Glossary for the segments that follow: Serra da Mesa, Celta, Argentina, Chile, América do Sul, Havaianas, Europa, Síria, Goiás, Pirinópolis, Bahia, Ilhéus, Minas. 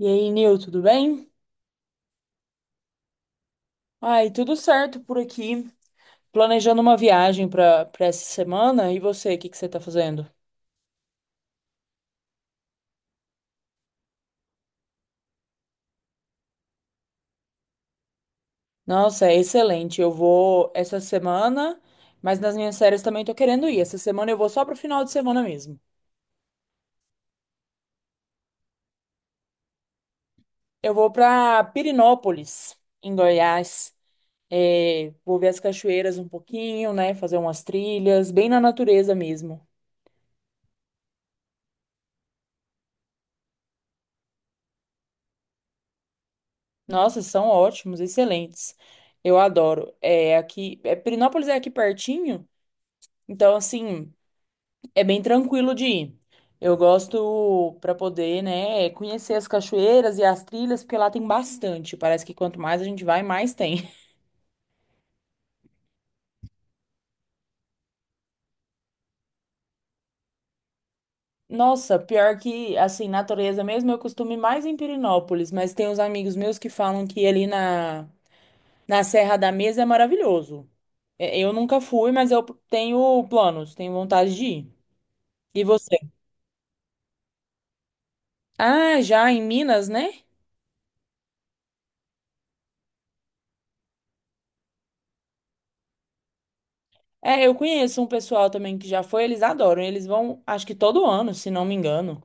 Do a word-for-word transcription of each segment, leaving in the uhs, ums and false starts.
E aí, Nil, tudo bem? Ai, tudo certo por aqui. Planejando uma viagem para para essa semana. E você, o que que você tá fazendo? Nossa, é excelente. Eu vou essa semana, mas nas minhas férias também tô querendo ir. Essa semana eu vou só pro final de semana mesmo. Eu vou para Pirinópolis, em Goiás. É, vou ver as cachoeiras um pouquinho, né? Fazer umas trilhas, bem na natureza mesmo. Nossa, são ótimos, excelentes. Eu adoro. É aqui, é, Pirinópolis é aqui pertinho. Então, assim, é bem tranquilo de ir. Eu gosto para poder, né, conhecer as cachoeiras e as trilhas, porque lá tem bastante. Parece que quanto mais a gente vai, mais tem. Nossa, pior que, assim, natureza mesmo, eu costumo ir mais em Pirinópolis mas tem uns amigos meus que falam que ali na, na Serra da Mesa é maravilhoso. É, eu nunca fui, mas eu tenho planos, tenho vontade de ir. E você? Ah, já em Minas, né? É, eu conheço um pessoal também que já foi, eles adoram. Eles vão, acho que todo ano, se não me engano.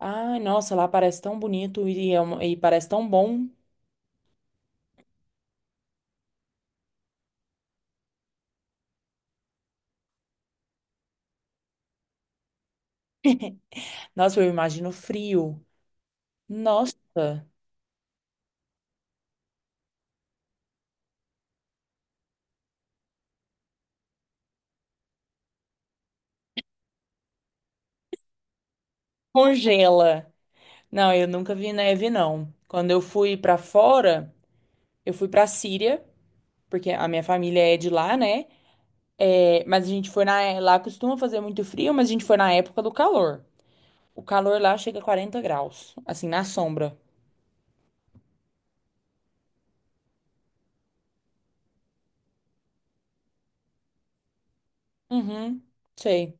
Ai, nossa, lá parece tão bonito e, é uma- e parece tão bom. Nossa, eu imagino frio. Nossa, congela. Não, eu nunca vi neve, não. Quando eu fui pra fora, eu fui pra Síria, porque a minha família é de lá, né? É, mas a gente foi na, lá costuma fazer muito frio, mas a gente foi na época do calor. O calor lá chega a quarenta graus, assim, na sombra. Uhum, sei.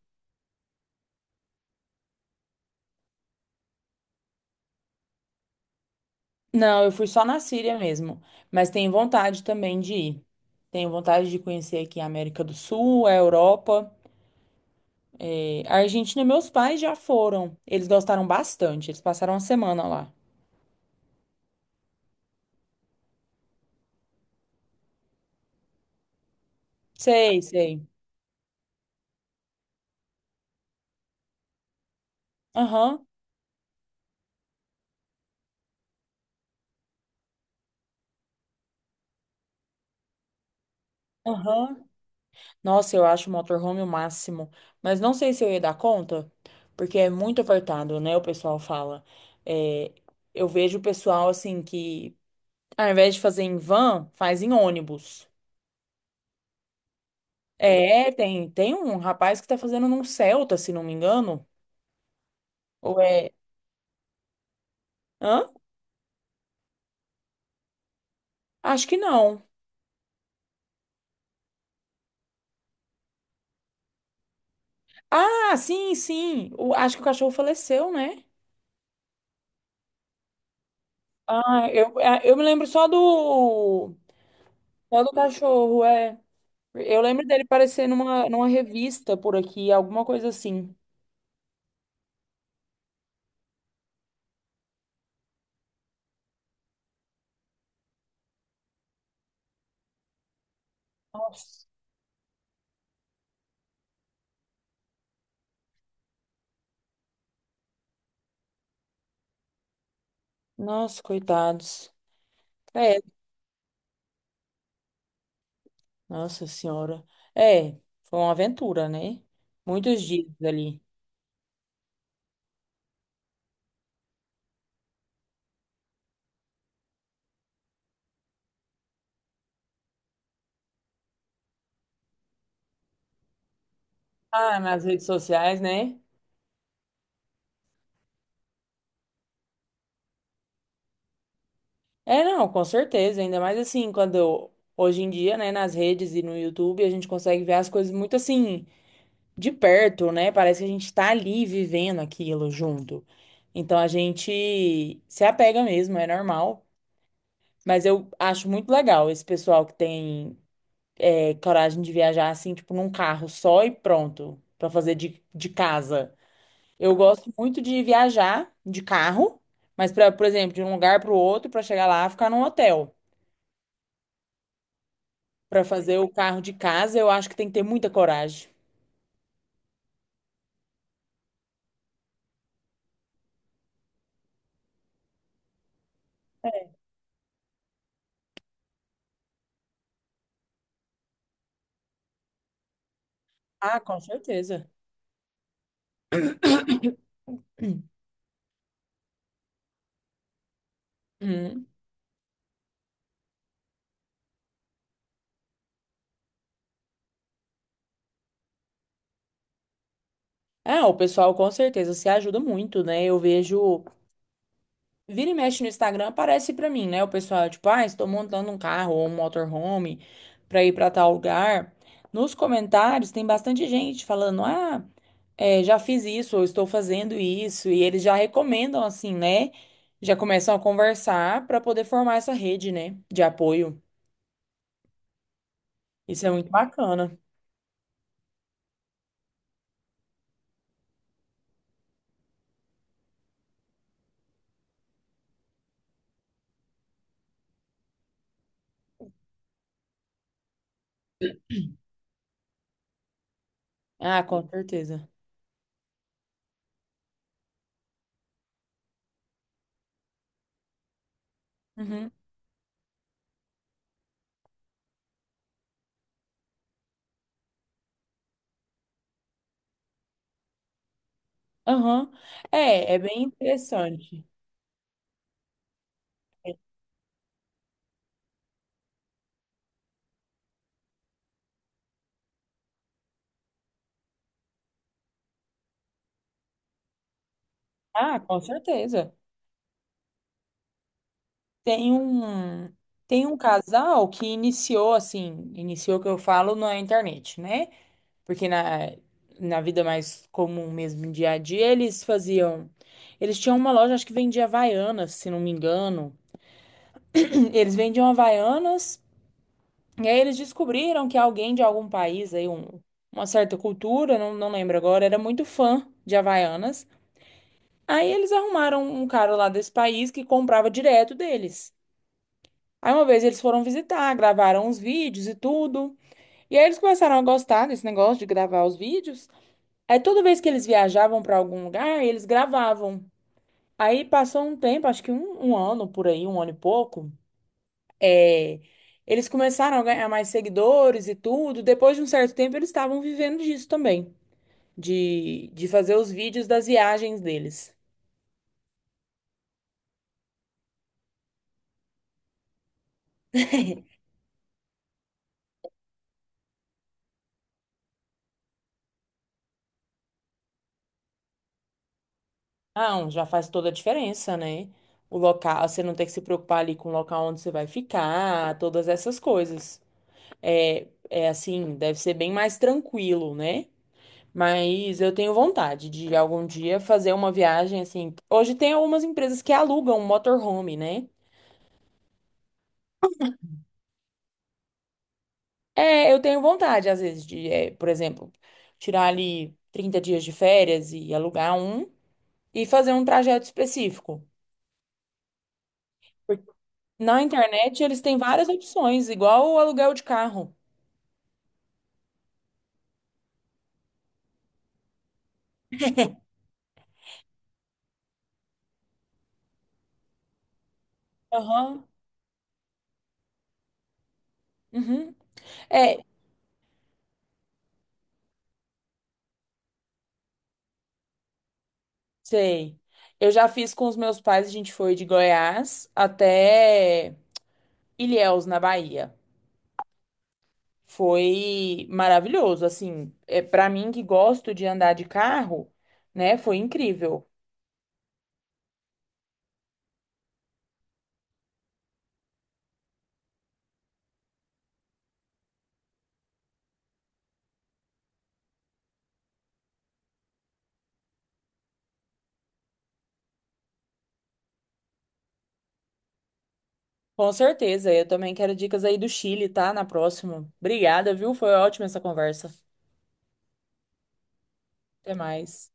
Não, eu fui só na Síria mesmo, mas tenho vontade também de ir. Tenho vontade de conhecer aqui a América do Sul, a Europa. Eh, A Argentina, meus pais já foram. Eles gostaram bastante. Eles passaram uma semana lá. Sei, sei. Aham, aham. Nossa, eu acho o motorhome o máximo. Mas não sei se eu ia dar conta, porque é muito apertado, né? O pessoal fala. Eh, eu vejo o pessoal assim que, ao invés de fazer em van, faz em ônibus. É, tem, tem um rapaz que tá fazendo num Celta, se não me engano. Ou é. Hã? Acho que não. Ah, sim, sim. O- acho que o cachorro faleceu, né? Ah, eu, é, eu me lembro só do. Só do cachorro, é. Eu lembro dele aparecer numa, numa revista por aqui, alguma coisa assim. Nossa, nossa, coitados. É, nossa senhora. É, foi uma aventura, né? Muitos dias ali. Ah, nas redes sociais, né? É, não, com certeza. Ainda mais assim, quando hoje em dia, né, nas redes e no YouTube, a gente consegue ver as coisas muito assim, de perto, né? Parece que a gente tá ali vivendo aquilo junto. Então a gente se apega mesmo, é normal. Mas eu acho muito legal esse pessoal que tem é, coragem de viajar assim, tipo, num carro só e pronto, pra fazer de, de casa. Eu gosto muito de viajar de carro, mas pra, por exemplo, de um lugar pro outro, pra chegar lá, e ficar num hotel. Para fazer o carro de casa, eu acho que tem que ter muita coragem. Ah, com certeza. Hum. Ah, o pessoal com certeza se ajuda muito, né? Eu vejo, vira e mexe no Instagram, aparece pra mim, né? O pessoal, tipo, ah, estou montando um carro ou um motorhome pra ir pra tal lugar. Nos comentários tem bastante gente falando, ah, é, já fiz isso, ou estou fazendo isso, e eles já recomendam, assim, né? Já começam a conversar pra poder formar essa rede, né? De apoio. Isso é muito bacana. Ah, com certeza. Uhum. Aham. É, é bem interessante. Ah, com certeza. Tem um, tem um casal que iniciou assim, iniciou o que eu falo na internet, né? Porque na, na vida mais comum mesmo, dia a dia, eles faziam. Eles tinham uma loja, acho que vendia Havaianas, se não me engano. Eles vendiam Havaianas, e aí eles descobriram que alguém de algum país aí, um, uma certa cultura, não, não lembro agora, era muito fã de Havaianas. Aí eles arrumaram um cara lá desse país que comprava direto deles. Aí uma vez eles foram visitar, gravaram uns vídeos e tudo. E aí eles começaram a gostar desse negócio de gravar os vídeos. Aí toda vez que eles viajavam para algum lugar, eles gravavam. Aí passou um tempo, acho que um, um ano por aí, um ano e pouco. É, eles começaram a ganhar mais seguidores e tudo. Depois de um certo tempo, eles estavam vivendo disso também, de, de fazer os vídeos das viagens deles. Não, já faz toda a diferença, né? O local, você não tem que se preocupar ali com o local onde você vai ficar, todas essas coisas. É, é assim, deve ser bem mais tranquilo, né? Mas eu tenho vontade de algum dia fazer uma viagem assim. Hoje tem algumas empresas que alugam um motorhome, né? É, eu tenho vontade, às vezes, de, é, por exemplo, tirar ali trinta dias de férias e alugar um e fazer um trajeto específico. Na internet, eles têm várias opções, igual o aluguel de carro. Aham. Uhum. É, sei. Eu já fiz com os meus pais, a gente foi de Goiás até Ilhéus, na Bahia. Foi maravilhoso, assim, é para mim que gosto de andar de carro, né? Foi incrível. Com certeza. Eu também quero dicas aí do Chile, tá? Na próxima. Obrigada, viu? Foi ótima essa conversa. Até mais.